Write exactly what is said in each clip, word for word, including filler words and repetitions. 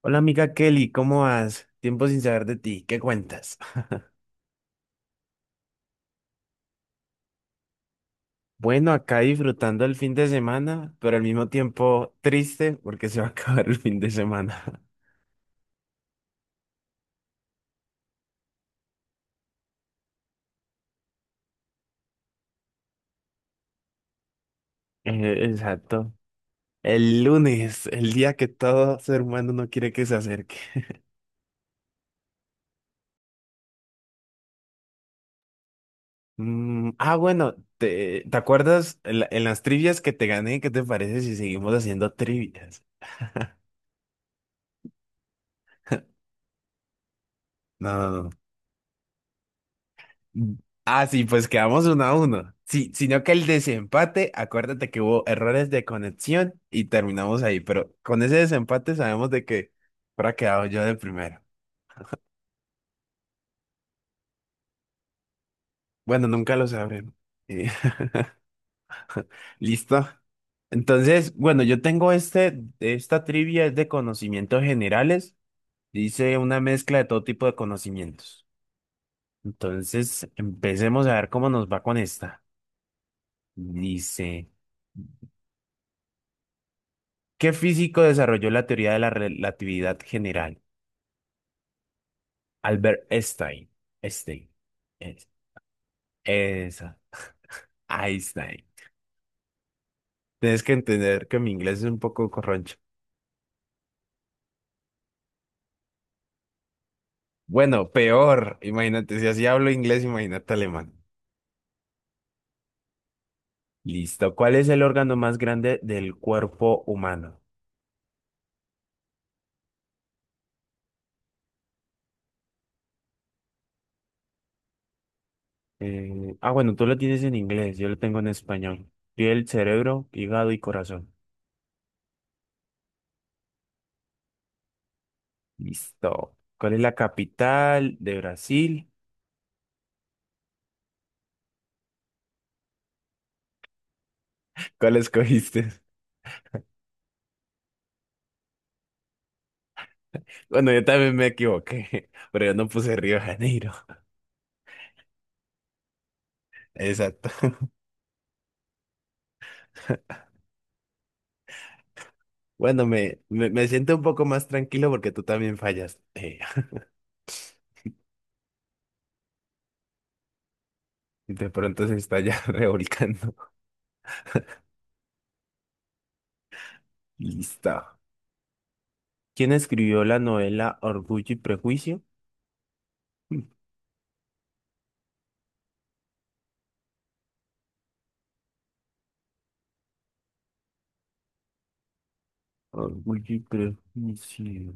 Hola amiga Kelly, ¿cómo vas? Tiempo sin saber de ti, ¿qué cuentas? Bueno, acá disfrutando el fin de semana, pero al mismo tiempo triste porque se va a acabar el fin de semana. Eh, Exacto. El lunes, el día que todo ser humano no quiere que se acerque. Mm, ah, bueno, ¿te, te acuerdas en, la- en las trivias que te gané? ¿Qué te parece si seguimos haciendo trivias? No, no, no. Ah, sí, pues quedamos uno a uno. Sí, sino que el desempate, acuérdate que hubo errores de conexión y terminamos ahí, pero con ese desempate sabemos de que habrá quedado yo de primero. Bueno, nunca lo sabremos. Eh, ¿listo? Entonces, bueno, yo tengo este, esta trivia es de conocimientos generales. Dice una mezcla de todo tipo de conocimientos. Entonces, empecemos a ver cómo nos va con esta. Dice, ¿qué físico desarrolló la teoría de la relatividad general? Albert Einstein. Einstein. Es- Esa. Einstein. Tienes que entender que mi inglés es un poco corroncho. Bueno, peor. Imagínate, si así hablo inglés, imagínate alemán. Listo. ¿Cuál es el órgano más grande del cuerpo humano? Eh, ah, bueno, tú lo tienes en inglés, yo lo tengo en español. Piel, cerebro, hígado y corazón. Listo. ¿Cuál es la capital de Brasil? ¿Cuál escogiste? Bueno, yo también me equivoqué, pero yo no puse Río de Janeiro. Exacto. Bueno, me, me, me siento un poco más tranquilo porque tú también fallas. Eh, y de pronto se está ya revolcando. Listo. ¿Quién escribió la novela Orgullo y Prejuicio? Orgullo y Prejuicio.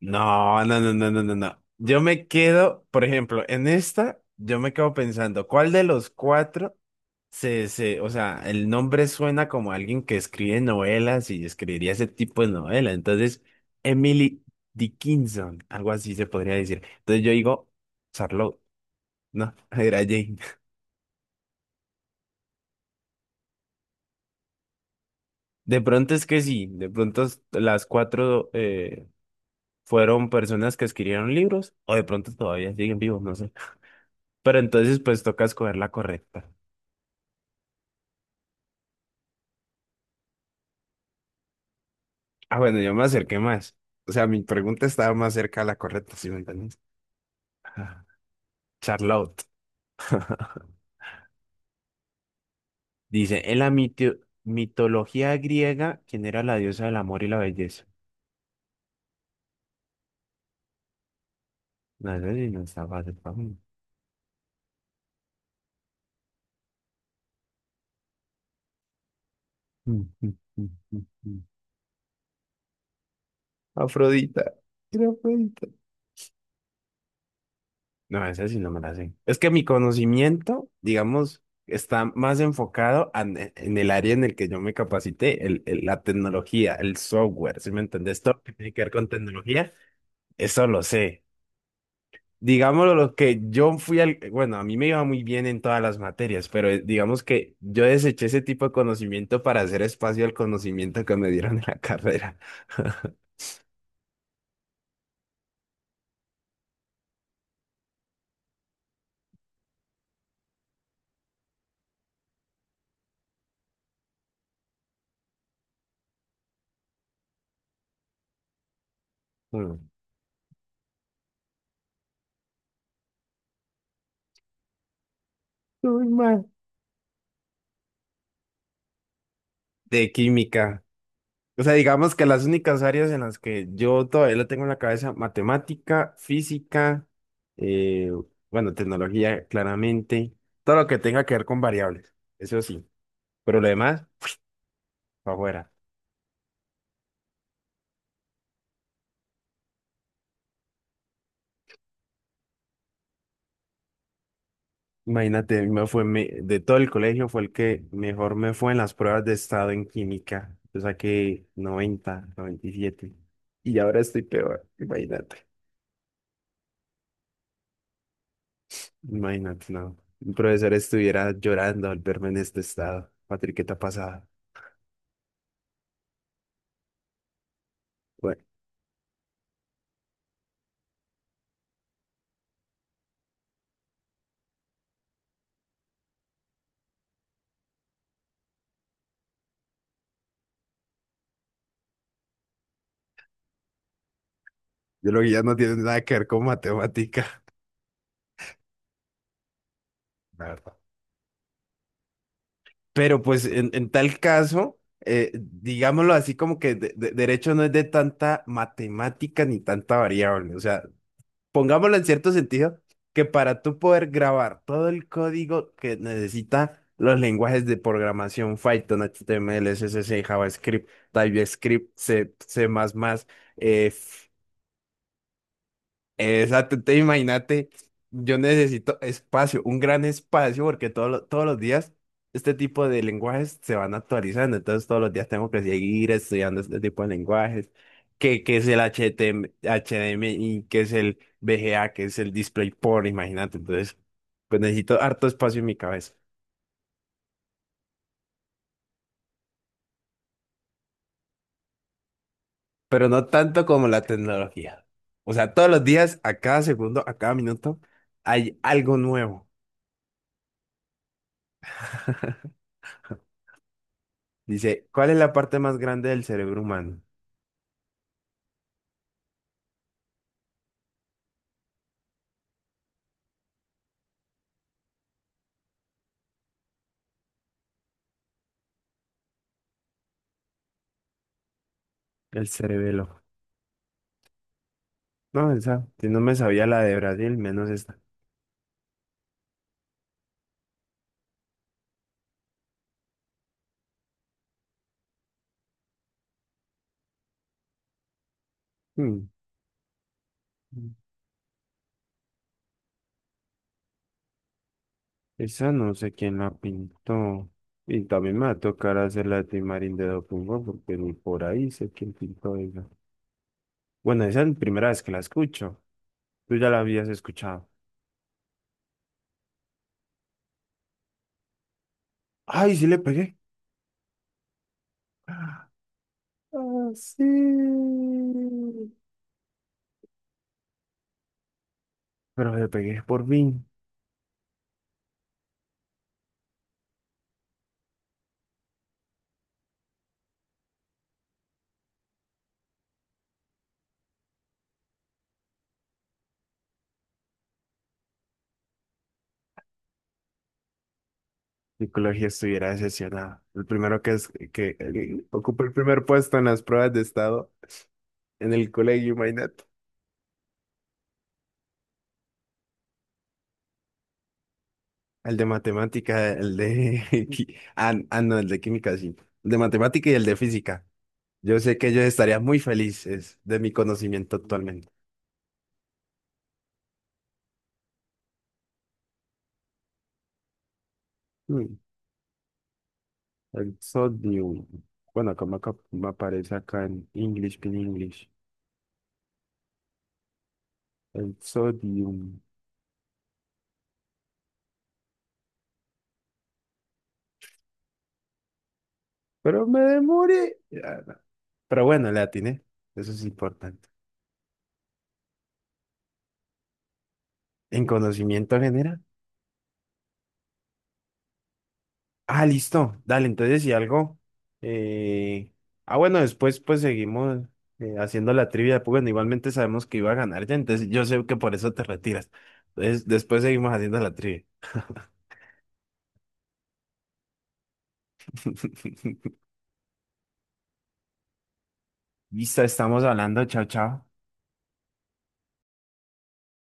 No, no, no, no, no, no, no. Yo me quedo, por ejemplo, en esta, yo me quedo pensando, ¿cuál de los cuatro? Se, se, o sea, el nombre suena como alguien que escribe novelas y escribiría ese tipo de novela. Entonces, Emily Dickinson, algo así se podría decir. Entonces yo digo, Charlotte, no, era Jane. De pronto es que sí, de pronto s- las cuatro eh, fueron personas que escribieron libros, o de pronto todavía siguen vivos, no sé. Pero entonces, pues toca escoger la correcta. Ah, bueno, yo me acerqué más. O sea, ¿mi pregunta estaba más cerca a la correcta, si me entiendes? Charlotte. Dice, en la mitio- mitología griega, ¿quién era la diosa del amor y la belleza? No, eso sí no está fácil para mí. Mm, mm, mm, mm, mm. Afrodita. Era Afrodita. No, esa sí no me la sé. Es que mi conocimiento, digamos, está más enfocado a- en el área en el que yo me capacité, el, el- la tecnología, el software, ¿sí me entendés? Todo lo que tiene que ver con tecnología, eso lo sé. Digámoslo, lo que yo fui al, bueno, a mí me iba muy bien en todas las materias, pero eh, digamos que yo deseché ese tipo de conocimiento para hacer espacio al conocimiento que me dieron en la carrera. Mm. Muy mal. De química. O sea, digamos que las únicas áreas en las que yo todavía lo tengo en la cabeza, matemática, física, eh, bueno, tecnología, claramente, todo lo que tenga que ver con variables, eso sí, pero lo demás, para afuera. Imagínate, a mí me fue me- de todo el colegio fue el que mejor me fue en las pruebas de estado en química. Yo saqué noventa, noventa y siete. Y siete. Y ahora estoy peor. Imagínate. Imagínate, no. Un profesor estuviera llorando al verme en este estado. Patrick, ¿qué te ha pasado? Bueno, yo lo que ya no tiene nada que ver con matemática, la verdad. Pero pues en, en tal caso, eh, digámoslo así como que de- de- derecho no es de tanta matemática ni tanta variable. O sea, pongámoslo en cierto sentido, que para tú poder grabar todo el código que necesita los lenguajes de programación, Python, H T M L, C, H T M L, C S S, JavaScript, TypeScript, C, C++, eh, exacto, te imagínate, yo necesito espacio, un gran espacio, porque todos los- todos los días este tipo de lenguajes se van actualizando, entonces todos los días tengo que seguir estudiando este tipo de lenguajes, que, que es el H T M H D M I, que es el V G A, que es el DisplayPort, imagínate, entonces pues necesito harto espacio en mi cabeza, pero no tanto como la tecnología. O sea, todos los días, a cada segundo, a cada minuto, hay algo nuevo. Dice, ¿cuál es la parte más grande del cerebro humano? El cerebelo. No, esa, si no me sabía la de Brasil, menos esta. Hmm, Esa no sé quién la pintó. Y también me va a tocar hacer la de Timarín de Documbo porque ni por ahí sé quién pintó esa. Bueno, esa es la primera vez que la escucho. Tú ya la habías escuchado. ¡Ay, sí le pegué! ¡Ah, sí! Pero le pegué por fin. Psicología estuviera decepcionada. El primero que es que eh, ocupa el primer puesto en las pruebas de estado en el colegio, imagínate. El de matemática, el de qui- ah, ah, no, el de química, sí. El de matemática y el de física. Yo sé que ellos estarían muy felices de mi conocimiento actualmente. Mm, El sodium. Bueno, como acá me aparece acá en English, en English. El sodium. Pero me demoré. Ya, no. Pero bueno, le atiné. Eso es importante. En conocimiento general. Ah, listo. Dale, entonces si algo. eh, Ah, bueno, después pues seguimos eh, haciendo la trivia. Pues, bueno, igualmente sabemos que iba a ganar ya, entonces yo sé que por eso te retiras. Entonces después seguimos haciendo la trivia. Listo, estamos hablando. Chao, chao.